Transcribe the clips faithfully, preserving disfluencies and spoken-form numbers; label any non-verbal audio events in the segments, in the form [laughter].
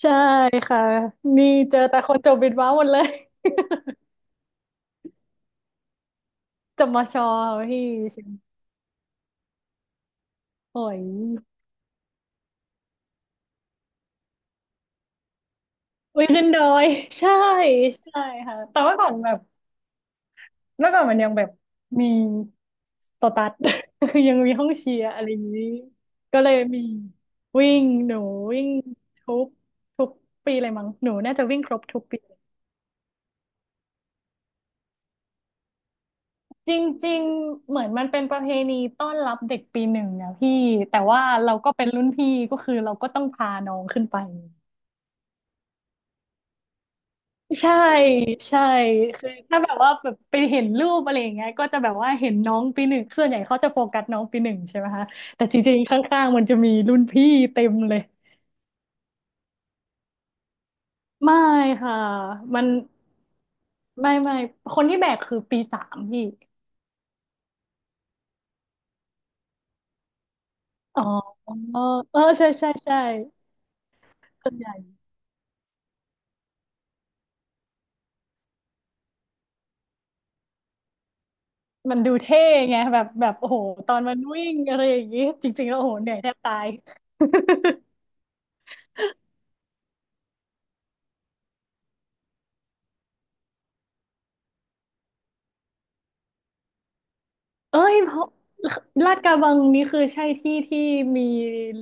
ใช่ค่ะนี่เจอแต่คนจบบิดว้าหมดเลย [laughs] จบมชพี่เชียโอ้ยอุ้ยขึ้นดอยใช่ใช่ค่ะแต่ว่าก่อนแบบเมื่อก่อนมันยังแบบมีโตตัด [laughs] ยังมีห้องเชียร์อะไรอย่างนี้ก็เลยมีวิ่งหนูวิ่งทุกทุกปีเลยมั้งหนูน่าจะวิ่งครบทุกปี จริงๆเหมือนมันเป็นประเพณีต้อนรับเด็กปีหนึ่งนะพี่แต่ว่าเราก็เป็นรุ่นพี่ก็คือเราก็ต้องพาน้องขึ้นไปใช่ใช่คือถ้าแบบว่าแบบไปเห็นรูปอะไรอย่างเงี้ยก็จะแบบว่าเห็นน้องปีหนึ่งส่วนใหญ่เขาจะโฟกัสน้องปีหนึ่งใช่ไหมคะแต่จริงๆข้างๆมันจะมีรุ่นพี่เต็มเลยไม่ค่ะมันไม่ไม่คนที่แบกคือปีสามพี่อ๋อเออใช่ใช่ใช่ส่วนใหญ่ มันดูเท่ไงแบบแบบโอ้โหตอนมันวิ่งอะไรอย่างงี้จริงๆแล้วโอ้โหเหนื่อยแทบตาย [laughs] เอ้ยเพราะลาดกระบังนี่คือใช่ที่ที่มี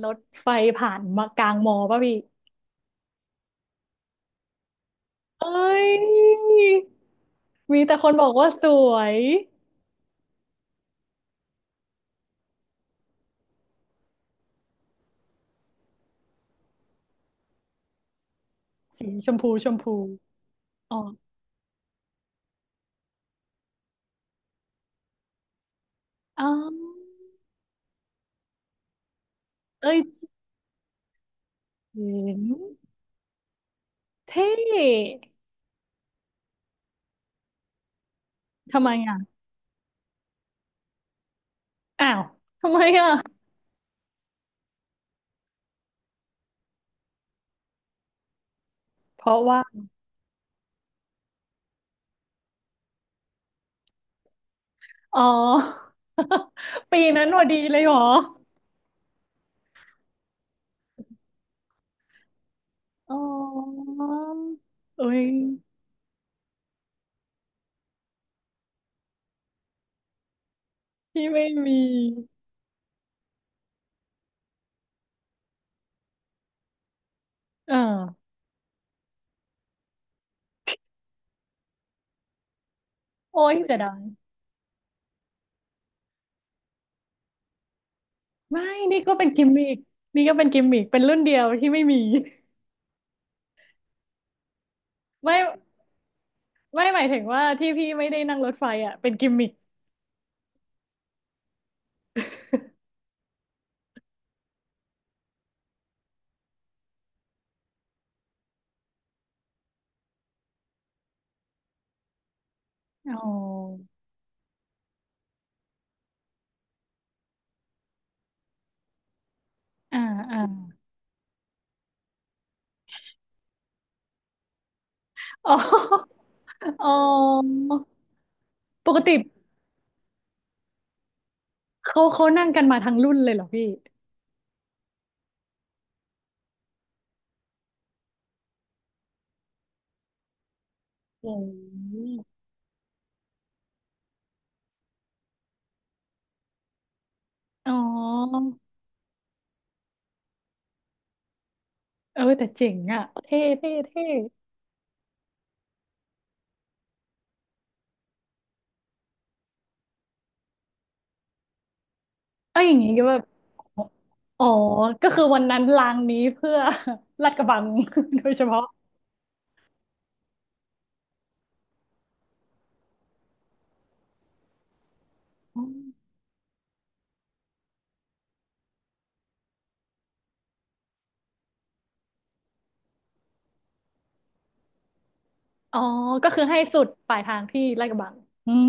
รถไฟผ่านมากลางมอป่ะพี่เอ้ยมีแต่คนบอกว่าสวยสีชมพูชมพูอ๋ออ๋อเอ้ยเจ๋งเท่ทำไมอ่ะอ้าวทำไมอ่ะเพราะว่าอ๋อ [laughs] ปีนั้นพอดีเลยเหรอ อ๋อเอ้ยพี่ไม่มีอ่าโอ้ยเสียดายไม่นี่ก็เป็นกิมมิกนี่ก็เป็นกิมมิกเป็นรุ่นเดียวที่ไม่มีไม่ไม่หมายถึงว่าที่พี่ไม่ได้นั่งรถไฟอ่ะเป็นกิมมิกอ๋ออ่าอ่าอ๋ออ๋อปกติเขาเขานั่งกันมาทั้งรุ่นเลยเหรอพี่อืมอ๋อเออแต่เจ๋งอ่ะเท่เท่เท่ เอ้ยอย่างงี้ก็แบบอ๋อก็คือวันนั้นลางนี้เพื่อ [laughs] ลาดกระบัง [laughs] โดยเฉพาะอมอ๋อก็คือให้สุดปลายทางที่ลาดกระบังอืม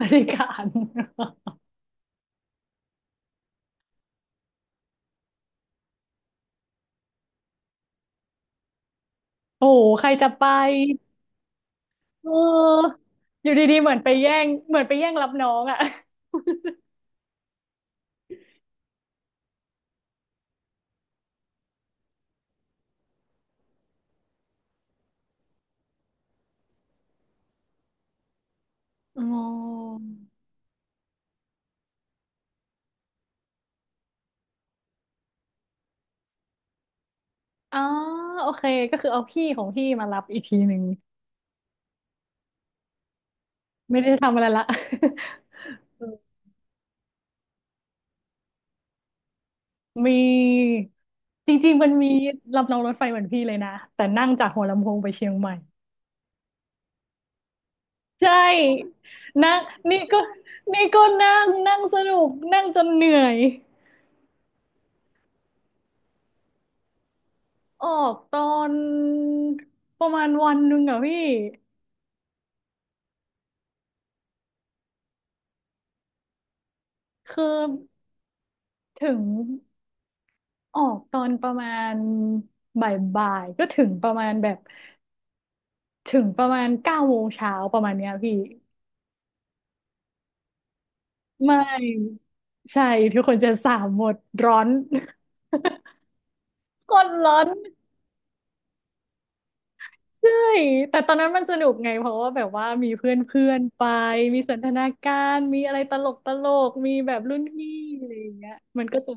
บริการ [laughs] โอ้โหใครจะไปเอออยู่ดีๆเหมือนไปแย่งเหมือนไปแย่งรับน้องอ่ะ [laughs] อ๋ออ๋อโอเคก็คือเอาพี่ของพี่มารับอีกทีหนึ่งไม่ได้ทำอะไรละ [laughs] มีจริงๆมันมีลำรองรถไฟเหมือนพี่เลยนะแต่นั่งจากหัวลำโพงไปเชียงใหม่ใช่นั่งนี่ก็นี่ก็นั่งนั่งสนุกนั่งจนเหนื่อยออกตอนประมาณวันหนึ่งอะพี่คือถึงออกตอนประมาณบ่ายๆก็ถึงประมาณแบบถึงประมาณเก้าโมงเช้าประมาณเนี้ยพี่ไม่ใช่ทุกคนจะสามหมดร้อน [laughs] กดร้อนใช่แต่ตอนนั้นมันสนุกไงเพราะว่าแบบว่ามีเพื่อนเพื่อนไปมีสันทนาการมีอะไรตลกตลกมีแบบรุ่นพี่อะไรอย่างเงี้ยมันก็จะ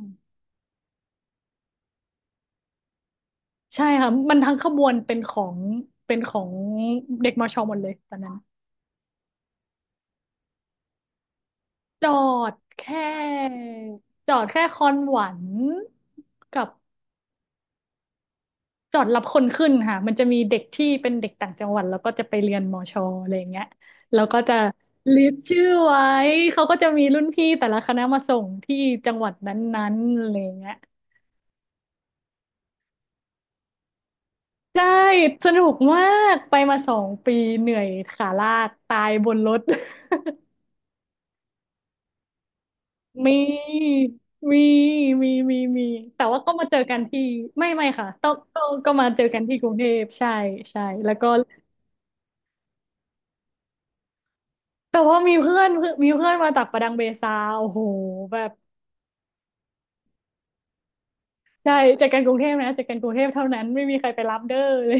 ใช่ค่ะมันทั้งขบวนเป็นของเป็นของเด็กมชหมดเลยตอนนั้นจอดแค่จอดแค่คอนหวันกับ จอดรับคนขึ้นค่ะมันจะมีเด็กที่เป็นเด็กต่างจังหวัดแล้วก็จะไปเรียนมอชออะไรอย่างเงี้ยแล้วก็จะลิสต์ชื่อไว้เขาก็จะมีรุ่นพี่แต่ละคณะมาส่งที่จังหวัดนั้นๆอะไรอย่างเงี้ยใช่สนุกมากไปมาสองปีเหนื่อยขาลากตายบนรถ [laughs] มีมีมีมีมีแต่ว่าก็มาเจอกันที่ไม่ไม่ค่ะต้องก็ก็มาเจอกันที่กรุงเทพใช่ใช่แล้วก็แต่ว่ามีเพื่อนมีเพื่อนมาจากประดังเบซาโอ้โหแบบ ใช่จากการกรุงเทพนะจากการกรุงเทพเท่านั้นไม่มีใครไปรับเด้อเลย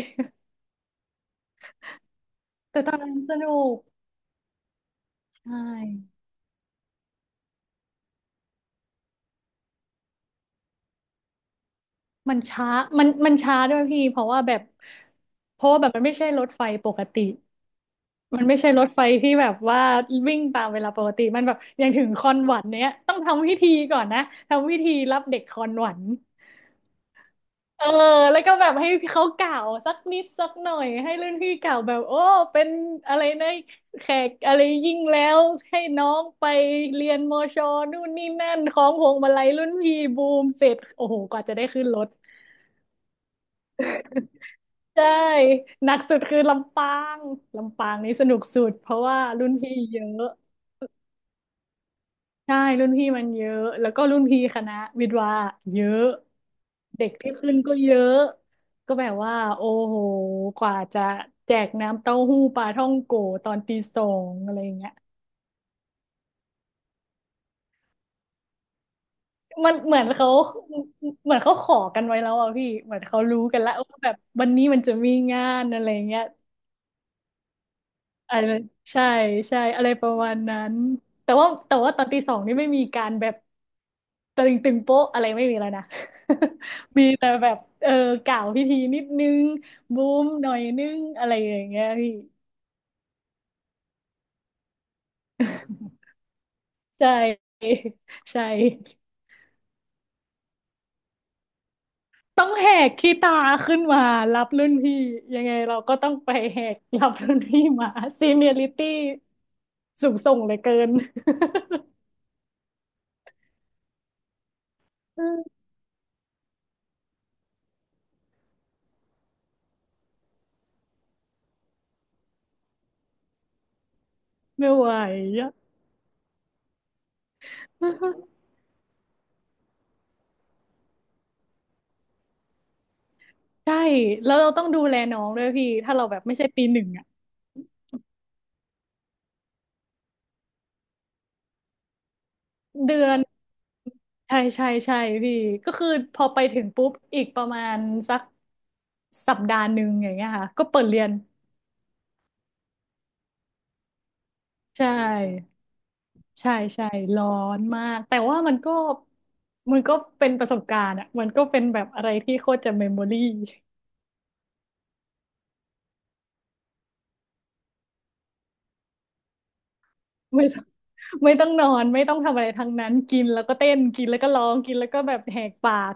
[laughs] แต่ตอนนั้นสนุกใช่มันช้ามันมันช้าด้วยพี่เพราะว่าแบบเพราะว่าแบบมันไม่ใช่รถไฟปกติมันไม่ใช่รถไฟที่แบบว่าวิ่งตามเวลาปกติมันแบบอย่างถึงคอนหวันเนี้ยต้องทำพิธีก่อนนะทำพิธีรับเด็กคอนหวัน เออแล้วก็แบบให้เขากล่าวสักนิดสักหน่อยให้รุ่นพี่กล่าวแบบโอ้เป็นอะไรนะแขกอะไรยิ่งแล้วให้น้องไปเรียนมอชอนู่นนี่นั่นของพวงมาลัยรุ่นพี่บูมเสร็จโอ้โหกว่าจะได้ขึ้นรถใช่หนักสุดคือลำปางลำปางนี่สนุกสุดเพราะว่ารุ่นพี่เยอะ ใช่รุ่นพี่มันเยอะแล้วก็รุ่นพี่คณะวิทย์วาเยอะเด็กที่ขึ้นก็เยอะก็แบบว่าโอ้โหกว่าจะแจกน้ำเต้าหู้ปลาท่องโกตอนตีสองอะไรอย่างเงี้ยมันเหมือนเขาเหมือนเขาขอกันไว้แล้วอ่ะพี่เหมือนเขารู้กันแล้วว่าแบบวันนี้มันจะมีงานอะไรเงี้ย อะไรใช่ใช่อะไรประมาณนั้นแต่ว่าแต่ว่าตอนตีสองนี่ไม่มีการแบบตึงตึงโป๊ะอะไรไม่มีแล้วนะ [laughs] มีแต่แบบเออกล่าวพิธีนิดนึงบูมหน่อยนึงอะไรอย่างเงี้ยพี่ใช่ [laughs] ใช่ต้องแหกขี้ตาขึ้นมารับรุ่นพี่ยังไงเราก็ต้องไปแหกรับรุ่นพี่มาซีเนียริตี้สูงส่งเหลือเกิน [laughs] ไม่ไหวอะ ใช่แล้วเราต้องดูแลน้องด้วยพี่ถ้าเราแบบไม่ใช่ปีหนึ่งอะเดือนใช่ใช่ใช่พี่ก็คือพอไปถึงปุ๊บอีกประมาณสักสัปดาห์หนึ่งอย่างเงี้ยค่ะก็เปิดเรียนใช่ใช่ใช่ร้อนมากแต่ว่ามันก็มันก็เป็นประสบการณ์อะมันก็เป็นแบบอะไรที่โคตรจะเมมโมรี่ [laughs] ไม่ต้องไม่ต้องนอนไม่ต้องทำอะไรทั้งนั้นกินแล้วก็เต้นกินแล้วก็ร้องกินแล้วก็แบบแหกปาก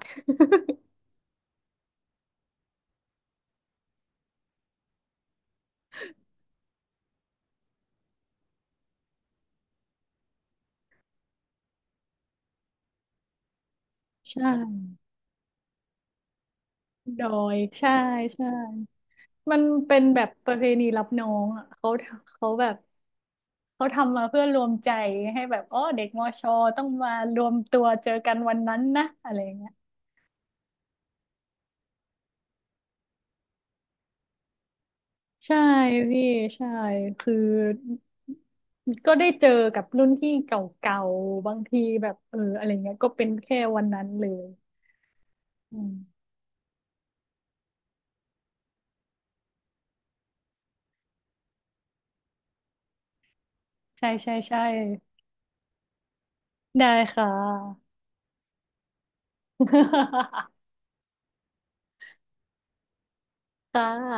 [laughs] ใช่ดอยใช่ใช่ มันเป็นแบบประเพณีรับน้องอ่ะเขาเขาแบบเขาทำมาเพื่อรวมใจให้แบบอ๋อเด็กมอชอต้องมารวมตัวเจอกันวันนั้นนะอะไรอย่างเงี้ยใช่พี่ใช่คือก็ได้เจอกับรุ่นพี่เก่าๆบางทีแบบเอออะไรเงี้ยก็เป็นแค่วันนั้นเลยอืมใช่ใช่ใช่ได้ค่ะ [laughs] ค่ะ